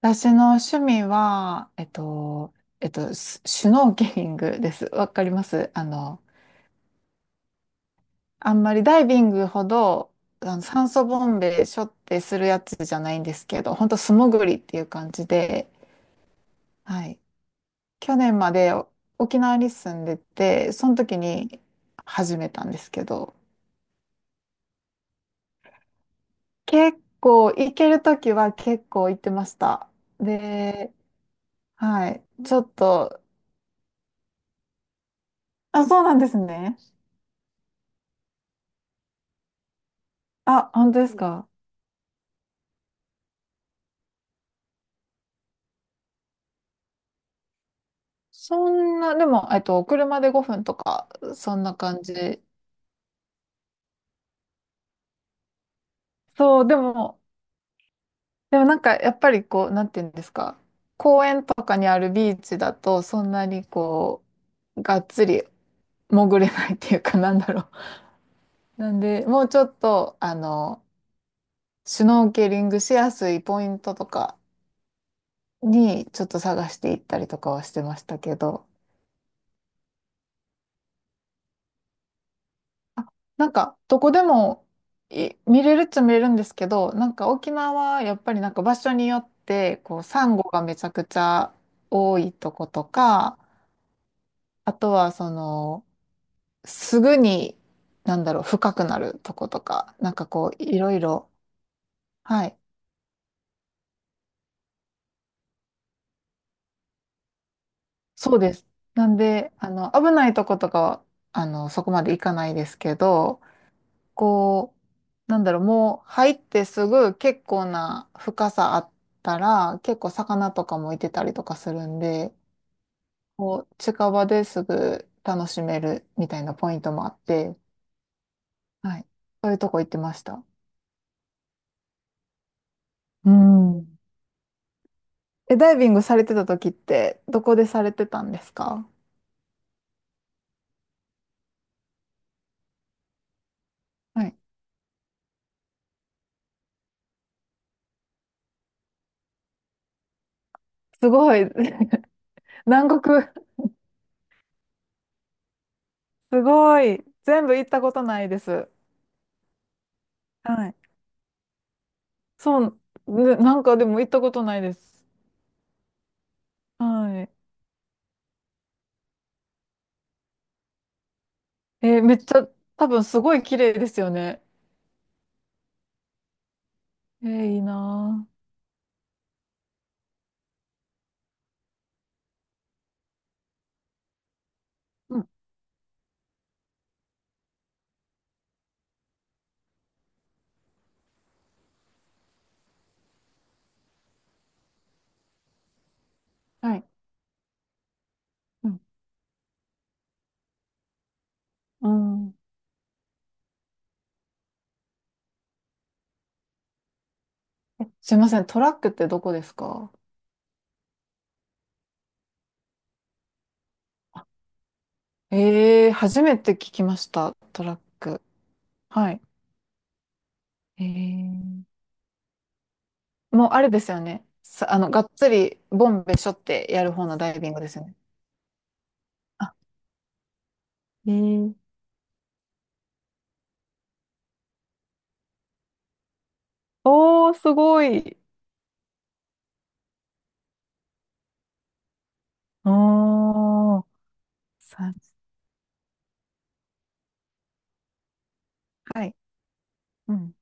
私の趣味は、シシュノーケリングです。わかります？あんまりダイビングほど、酸素ボンベ背負ってするやつじゃないんですけど、本当素潜りっていう感じで、はい。去年まで沖縄に住んでて、その時に始めたんですけど、結構、行ける時は結構行ってました。で、はい。ちょっと、あ、そうなんですね。あ、本当ですか？そんな、でも、車で5分とか、そんな感じ。そう、でも、なんか、やっぱりこう、なんていうんですか、公園とかにあるビーチだと、そんなにこう、がっつり潜れないっていうかなんだろう。なんで、もうちょっと、シュノーケリングしやすいポイントとかに、ちょっと探していったりとかはしてましたけど、あなんか、どこでも見れるっちゃ見れるんですけど、なんか沖縄はやっぱりなんか場所によって、こう、サンゴがめちゃくちゃ多いとことか、あとはその、すぐに、なんだろう、深くなるとことか、なんかこう、いろいろ、はい、そうです。なんで、危ないとことかは、そこまで行かないですけど、こう、なんだろう、もう入ってすぐ結構な深さあったら、結構魚とかもいてたりとかするんで、こう、近場ですぐ楽しめるみたいなポイントもあって、はい。そういうとこ行ってました。うん。え、ダイビングされてた時って、どこでされてたんですか？はい。すごい。南国。すごい。全部行ったことないです。はい。そう、ね、なんかでも行ったことないです。はい。めっちゃ、多分すごい綺麗ですよね。いいなぁ。うん。はい。ぁ。うん。うん。え、すいません、トラックってどこですか？ええー、初めて聞きました、トラック。はい。えー、もうあれですよね。がっつり、ボンベしょってやる方のダイビングですよね。あ、えー、おー、すごい。おー、さ、はい。うん。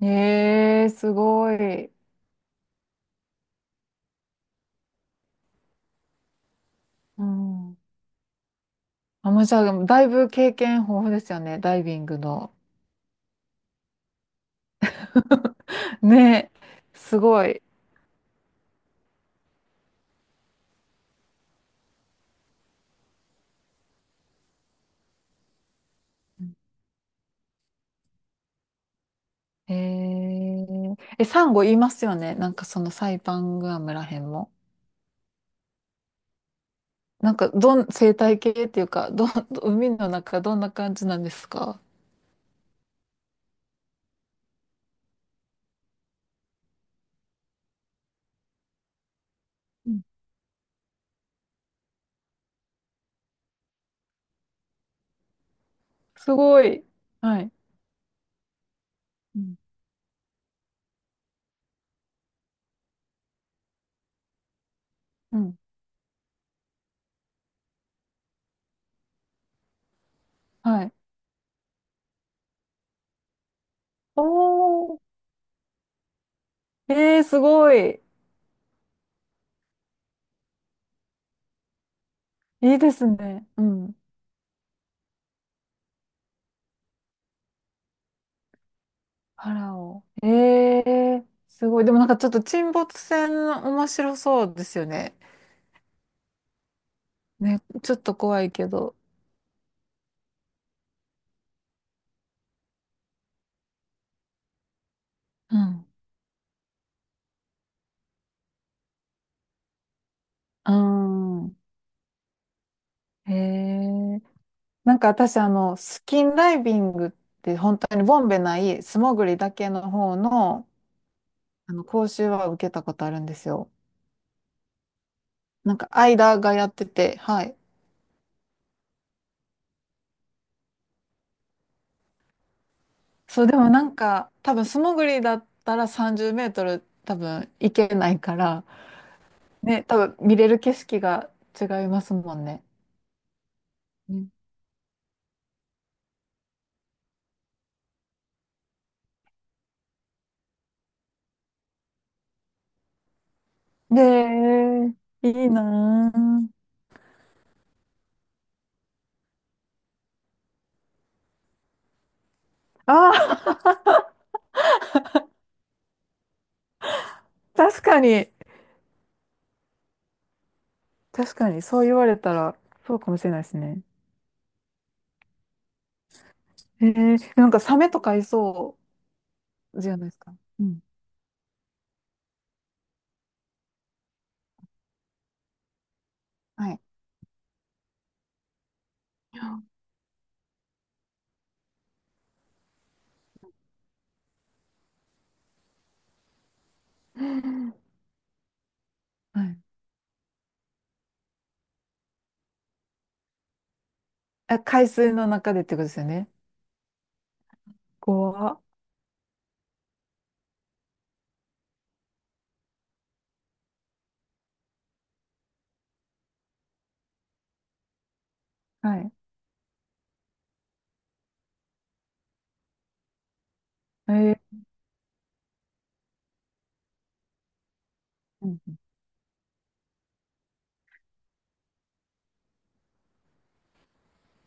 すごい。うん。あ、もうじゃあ、だいぶ経験豊富ですよね、ダイビングの。ね、すごい。サンゴ言いますよね。なんかそのサイパングアムらへんも。なんかどん、生態系っていうか、海の中どんな感じなんですか？うん。すごい。はい。うん。うん。はい。おー。えすごい。いいですね。うん。パラオ。すごい。でもなんかちょっと沈没船面白そうですよね。ね、ちょっと怖いけど。うん。うん。へえ。なんか私、スキンダイビングって本当にボンベない素潜りだけの方の、講習は受けたことあるんですよ。なんか、間がやってて、はい。そう、でもなんか、多分素潜りだったら30メートル多分行けないから、ね、多分見れる景色が違いますもんね。うん。で、いいなぁ。ああ、確かに。確かに、そう言われたら、そうかもしれないですね。なんかサメとかいそうじゃないですか。うん。はい。はい。あ、海水の中でってことですよね。怖っ。はい。えー、うん。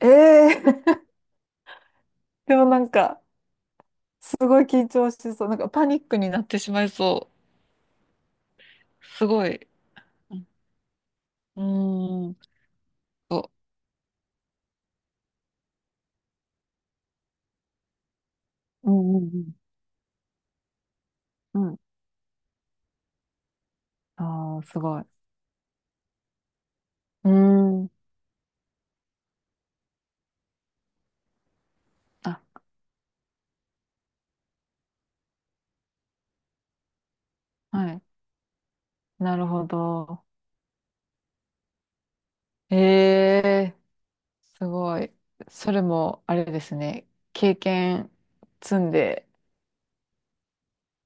えー でもなんか、すごい緊張しそう。なんかパニックになってしまいそう。すごい。うん。うーん。そう。うん、うん、うん。うん。ああ、すごい。うーん。あ、はい。なるほど。ええ、すごい。それも、あれですね。経験積んで、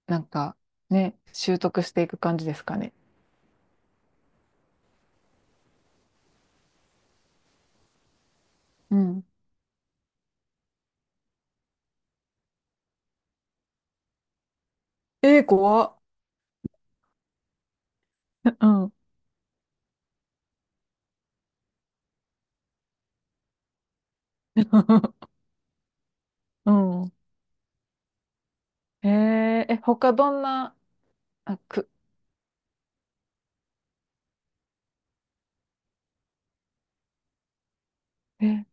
なんか、ね、習得していく感じですかね。うん。ええ、怖っ。うん。うん。えええ、他どんな、あ、く、え、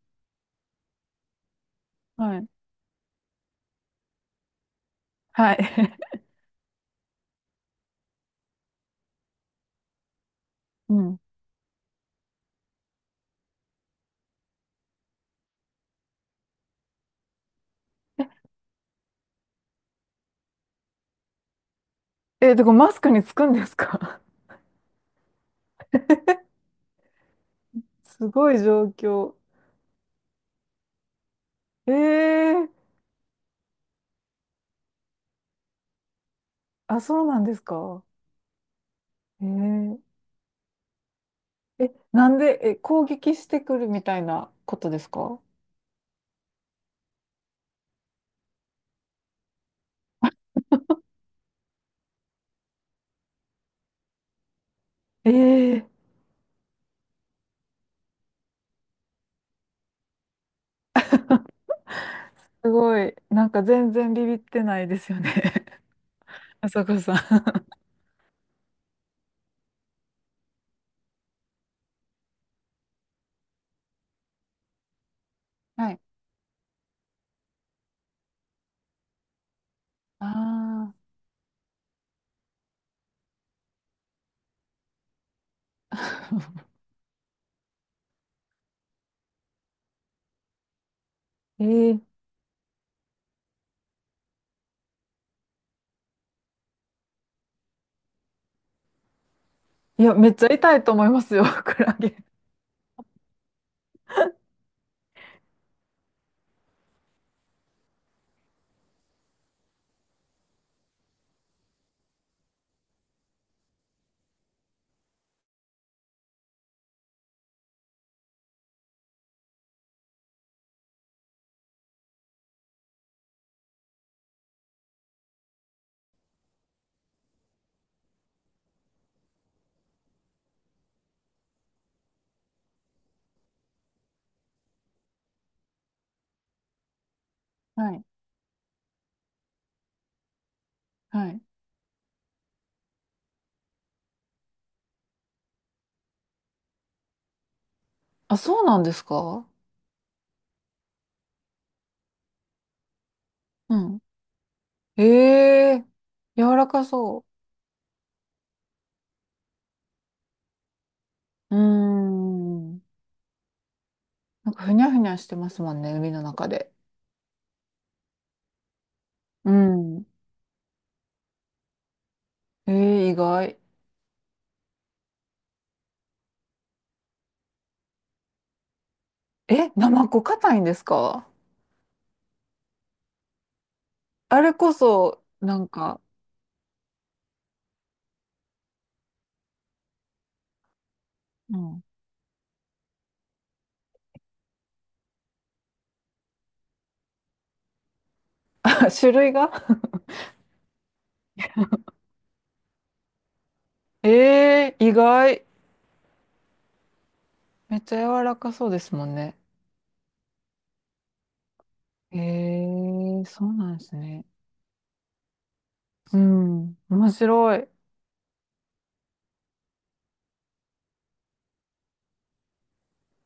はい。はい。うん。え、で、これマスクにつくんですか？ すごい状況。ええ。あ、そうなんですか。え。ええ、なんで、え、攻撃してくるみたいなことですか？ええ。すごい。なんか全然ビビってないですよね。あさこさん。はい。ああ。えー、いや、めっちゃ痛いと思いますよ、クラゲ。はい。はい。あ、そうなんですか？うん。ええー、柔らかそう。うーん。なんかふにゃふにゃしてますもんね、海の中で。うん。ええー、意外。え、ナマコ硬いんですか？あれこそ、なんか、うん。種類が ええー、意外。めっちゃ柔らかそうですもんね。へえ、そうなんですね。うん、面白い。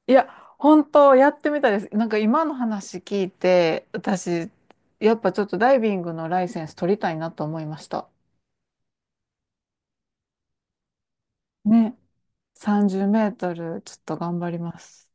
いや、本当やってみたいです。なんか今の話聞いて、私、やっぱちょっとダイビングのライセンス取りたいなと思いました。ね、30メートル、ちょっと頑張ります。